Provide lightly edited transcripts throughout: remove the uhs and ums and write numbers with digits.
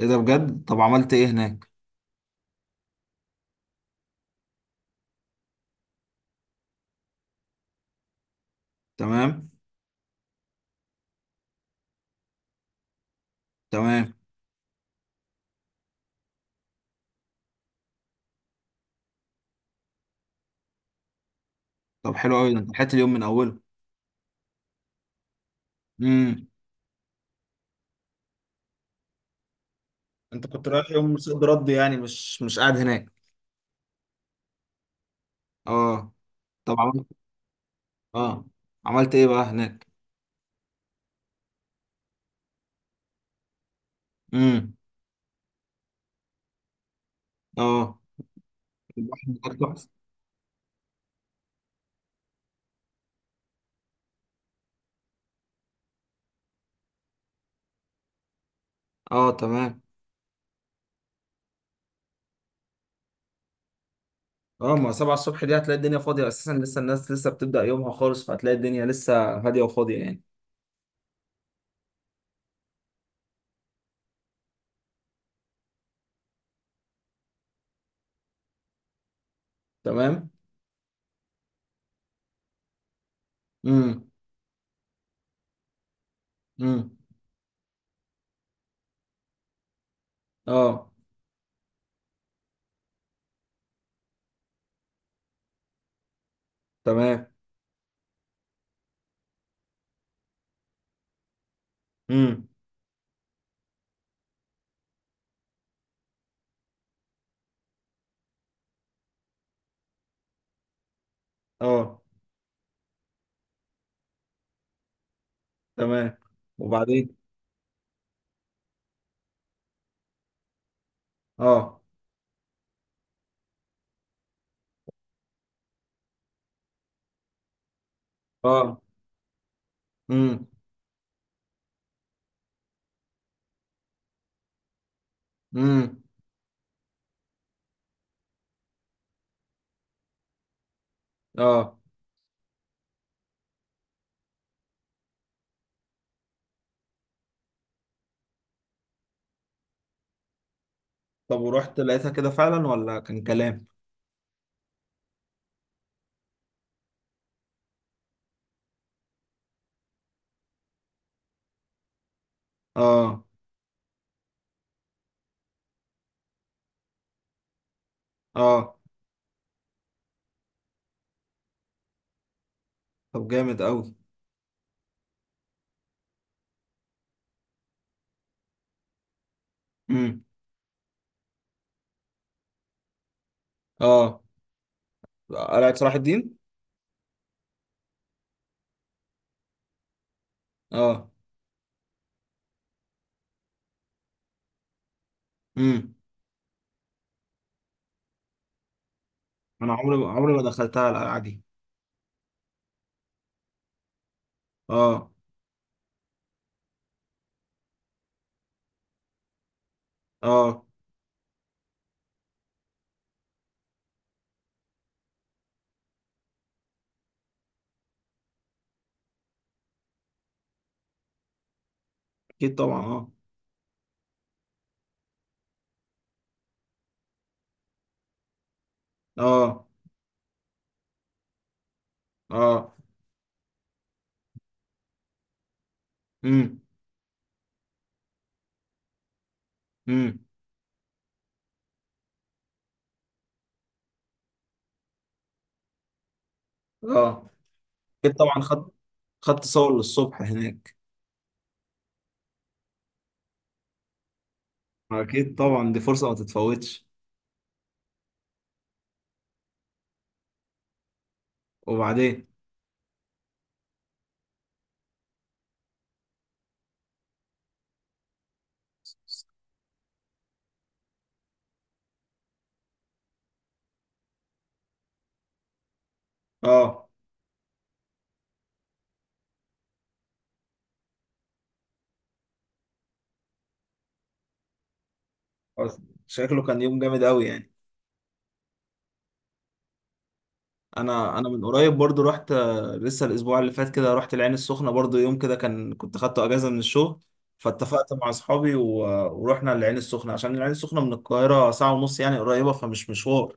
ايه ده بجد؟ طب عملت ايه هناك؟ تمام، تمام. طب حلو قوي، ده انت لحقت اليوم من اوله؟ امم. انت كنت رايح يوم صد رد، يعني مش قاعد هناك؟ اه. طب اه عملت ايه بقى هناك؟ امم. اه، البحر هناك تحفه. اه، تمام. اه، ما سبعة الصبح دي هتلاقي الدنيا فاضية أساسا، لسه الناس لسه بتبدأ يومها خالص، فهتلاقي الدنيا لسه هادية وفاضية يعني. تمام. امم، امم. اه، تمام. امم. اه، تمام. وبعدين؟ اه، اه. امم، امم. اه. طب ورحت لقيتها كده فعلا ولا كان كلام؟ اه، اه. طب جامد قوي. امم. اه. قلعة صلاح الدين. اه. امم. انا عمري عمري ما دخلتها القلعة دي. اه. اه. اكيد طبعا، اه. اه. اه. امم، امم. اه. اكيد طبعا، خدت صور للصبح هناك. اكيد طبعا، دي فرصة ما تتفوتش. وبعدين؟ اه. شكله كان يوم جامد قوي يعني. انا من قريب برضو رحت، لسه الاسبوع اللي فات كده رحت العين السخنه برضو يوم كده، كان كنت خدته اجازه من الشغل. فاتفقت مع اصحابي ورحنا العين السخنه، عشان العين السخنه من القاهره ساعه ونص يعني، قريبه فمش مشوار.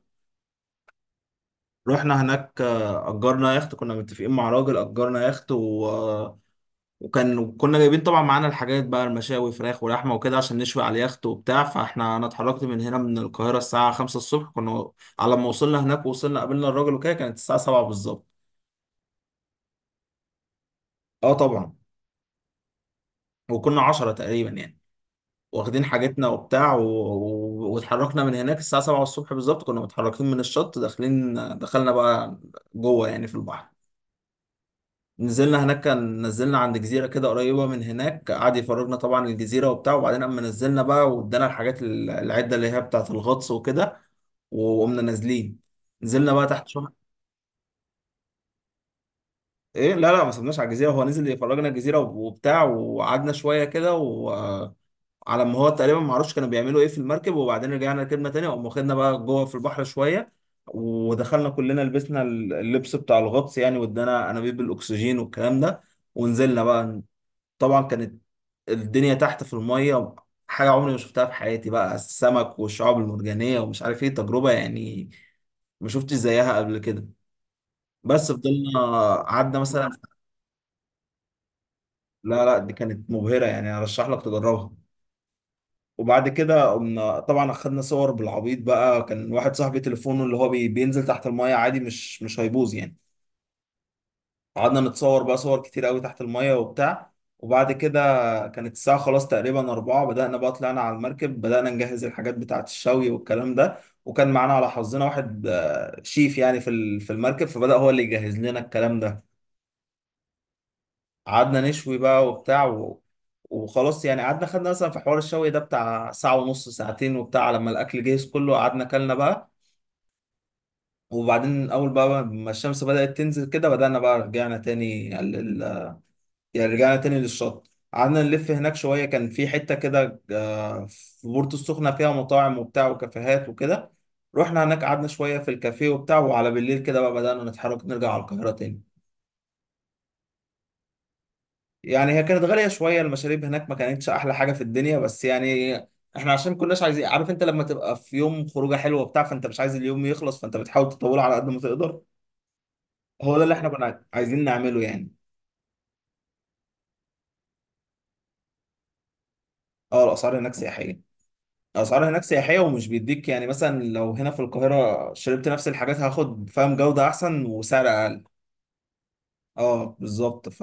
رحنا هناك، اجرنا يخت، كنا متفقين مع راجل اجرنا يخت و... آه، وكان كنا جايبين طبعا معانا الحاجات بقى، المشاوي فراخ ولحمه وكده عشان نشوي على اليخت وبتاع. فاحنا انا اتحركت من هنا من القاهره الساعه 5 الصبح، كنا على ما وصلنا هناك ووصلنا قابلنا الراجل وكده كانت الساعه 7 بالظبط. اه طبعا. وكنا 10 تقريبا يعني، واخدين حاجتنا وبتاع واتحركنا من هناك الساعة 7 الصبح بالظبط، كنا متحركين من الشط داخلين. دخلنا بقى جوه يعني في البحر. نزلنا هناك، كان نزلنا عند جزيرة كده قريبة من هناك، قعد يفرجنا طبعا الجزيرة وبتاع. وبعدين أما نزلنا بقى، وادانا الحاجات العدة اللي هي بتاعة الغطس وكده، وقمنا نازلين. نزلنا بقى تحت شوية. ايه لا، لا، ما سبناش على الجزيرة، هو نزل يفرجنا الجزيرة وبتاع، وقعدنا شوية كده و... على ما هو تقريبا، ما اعرفش كانوا بيعملوا ايه في المركب. وبعدين رجعنا ركبنا تاني وقام واخدنا بقى جوه في البحر شويه، ودخلنا كلنا لبسنا اللبس بتاع الغطس يعني، وادانا انابيب الاكسجين والكلام ده ونزلنا بقى. طبعا كانت الدنيا تحت في الميه حاجه عمري ما شفتها في حياتي بقى، السمك والشعاب المرجانيه ومش عارف ايه، تجربه يعني ما شفتش زيها قبل كده. بس فضلنا قعدنا مثلا. لا، لا، دي كانت مبهره يعني، ارشح لك تجربها. وبعد كده قمنا طبعا اخدنا صور، بالعبيط بقى كان واحد صاحبي تليفونه اللي هو بينزل تحت المايه عادي، مش هيبوظ يعني. قعدنا نتصور بقى صور كتير قوي تحت المايه وبتاع. وبعد كده كانت الساعة خلاص تقريبا 4، بدأنا بقى طلعنا على المركب بدأنا نجهز الحاجات بتاعة الشوي والكلام ده. وكان معانا على حظنا واحد، شيف يعني في في المركب، فبدأ هو اللي يجهز لنا الكلام ده. قعدنا نشوي بقى وبتاع و... وخلاص يعني قعدنا، خدنا مثلا في حوار الشوي ده بتاع ساعة ونص، ساعتين وبتاع، لما الأكل جهز كله قعدنا كلنا بقى. وبعدين أول بقى ما الشمس بدأت تنزل كده بدأنا بقى، رجعنا تاني يعني رجعنا تاني للشط، قعدنا نلف هناك شوية. كان في حتة كده، في بورتو السخنة فيها مطاعم وبتاع وكافيهات وكده. رحنا هناك قعدنا شوية في الكافيه وبتاع، وعلى بالليل كده بقى بدأنا نتحرك نرجع على القاهرة تاني. يعني هي كانت غالية شوية المشاريب هناك، ما كانتش أحلى حاجة في الدنيا بس يعني. إحنا عشان كناش عايزين، عارف أنت لما تبقى في يوم خروجة حلوة وبتاع فأنت مش عايز اليوم يخلص، فأنت بتحاول تطوله على قد ما تقدر. هو ده اللي إحنا كنا عايزين نعمله يعني. أه الأسعار هناك سياحية. الأسعار هناك سياحية، ومش بيديك يعني، مثلا لو هنا في القاهرة شربت نفس الحاجات هاخد، فاهم، جودة أحسن وسعر أقل. أه بالظبط. ف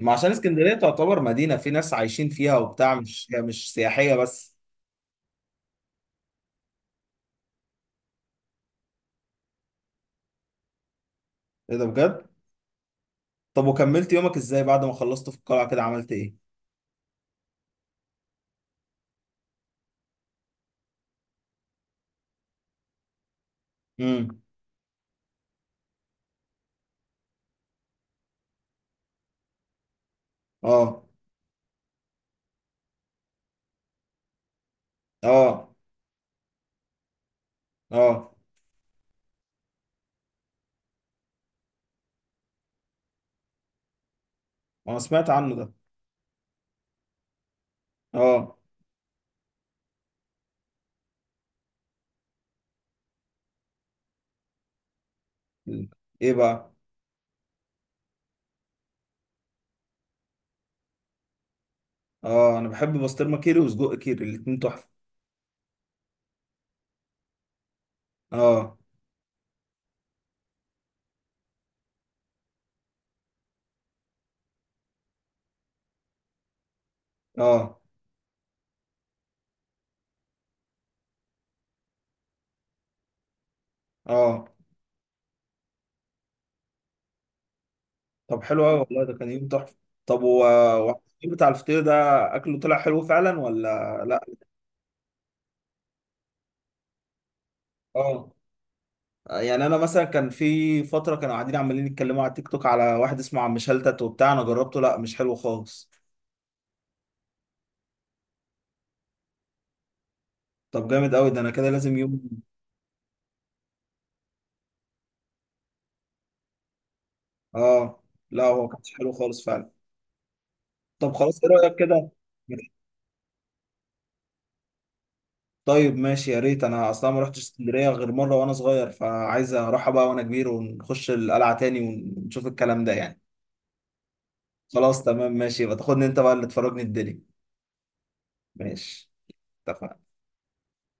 ما عشان اسكندرية تعتبر مدينة في ناس عايشين فيها وبتاع، مش هي مش سياحية بس. إيه ده بجد؟ طب وكملت يومك ازاي بعد ما خلصت في القلعة كده، عملت ايه؟ امم. اه، اه، اه. انا سمعت عنه ده. اه. ايه بقى؟ اه، انا بحب بسطرمة كيري وسجق كيري، الاتنين تحفة. اه. اه. اه. طب حلو قوي والله، ده كان يوم تحفة. طب و و- بتاع الفطير ده، اكله طلع حلو فعلا ولا لا؟ اه. يعني انا مثلا كان في فترة كانوا قاعدين عمالين يتكلموا على تيك توك على واحد اسمه عم شلتت وبتاع، انا جربته لا مش حلو خالص. طب جامد قوي، ده انا كده لازم يوم. اه. لا هو كانش حلو خالص فعلا. طب خلاص، ايه رأيك كده؟ طيب ماشي، يا ريت، انا اصلا ما رحتش اسكندرية غير مرة وانا صغير، فعايز اروحها بقى وانا كبير ونخش القلعة تاني ونشوف الكلام ده يعني. خلاص تمام ماشي، يبقى تاخدني انت بقى اللي تفرجني الدنيا. ماشي. اتفقنا.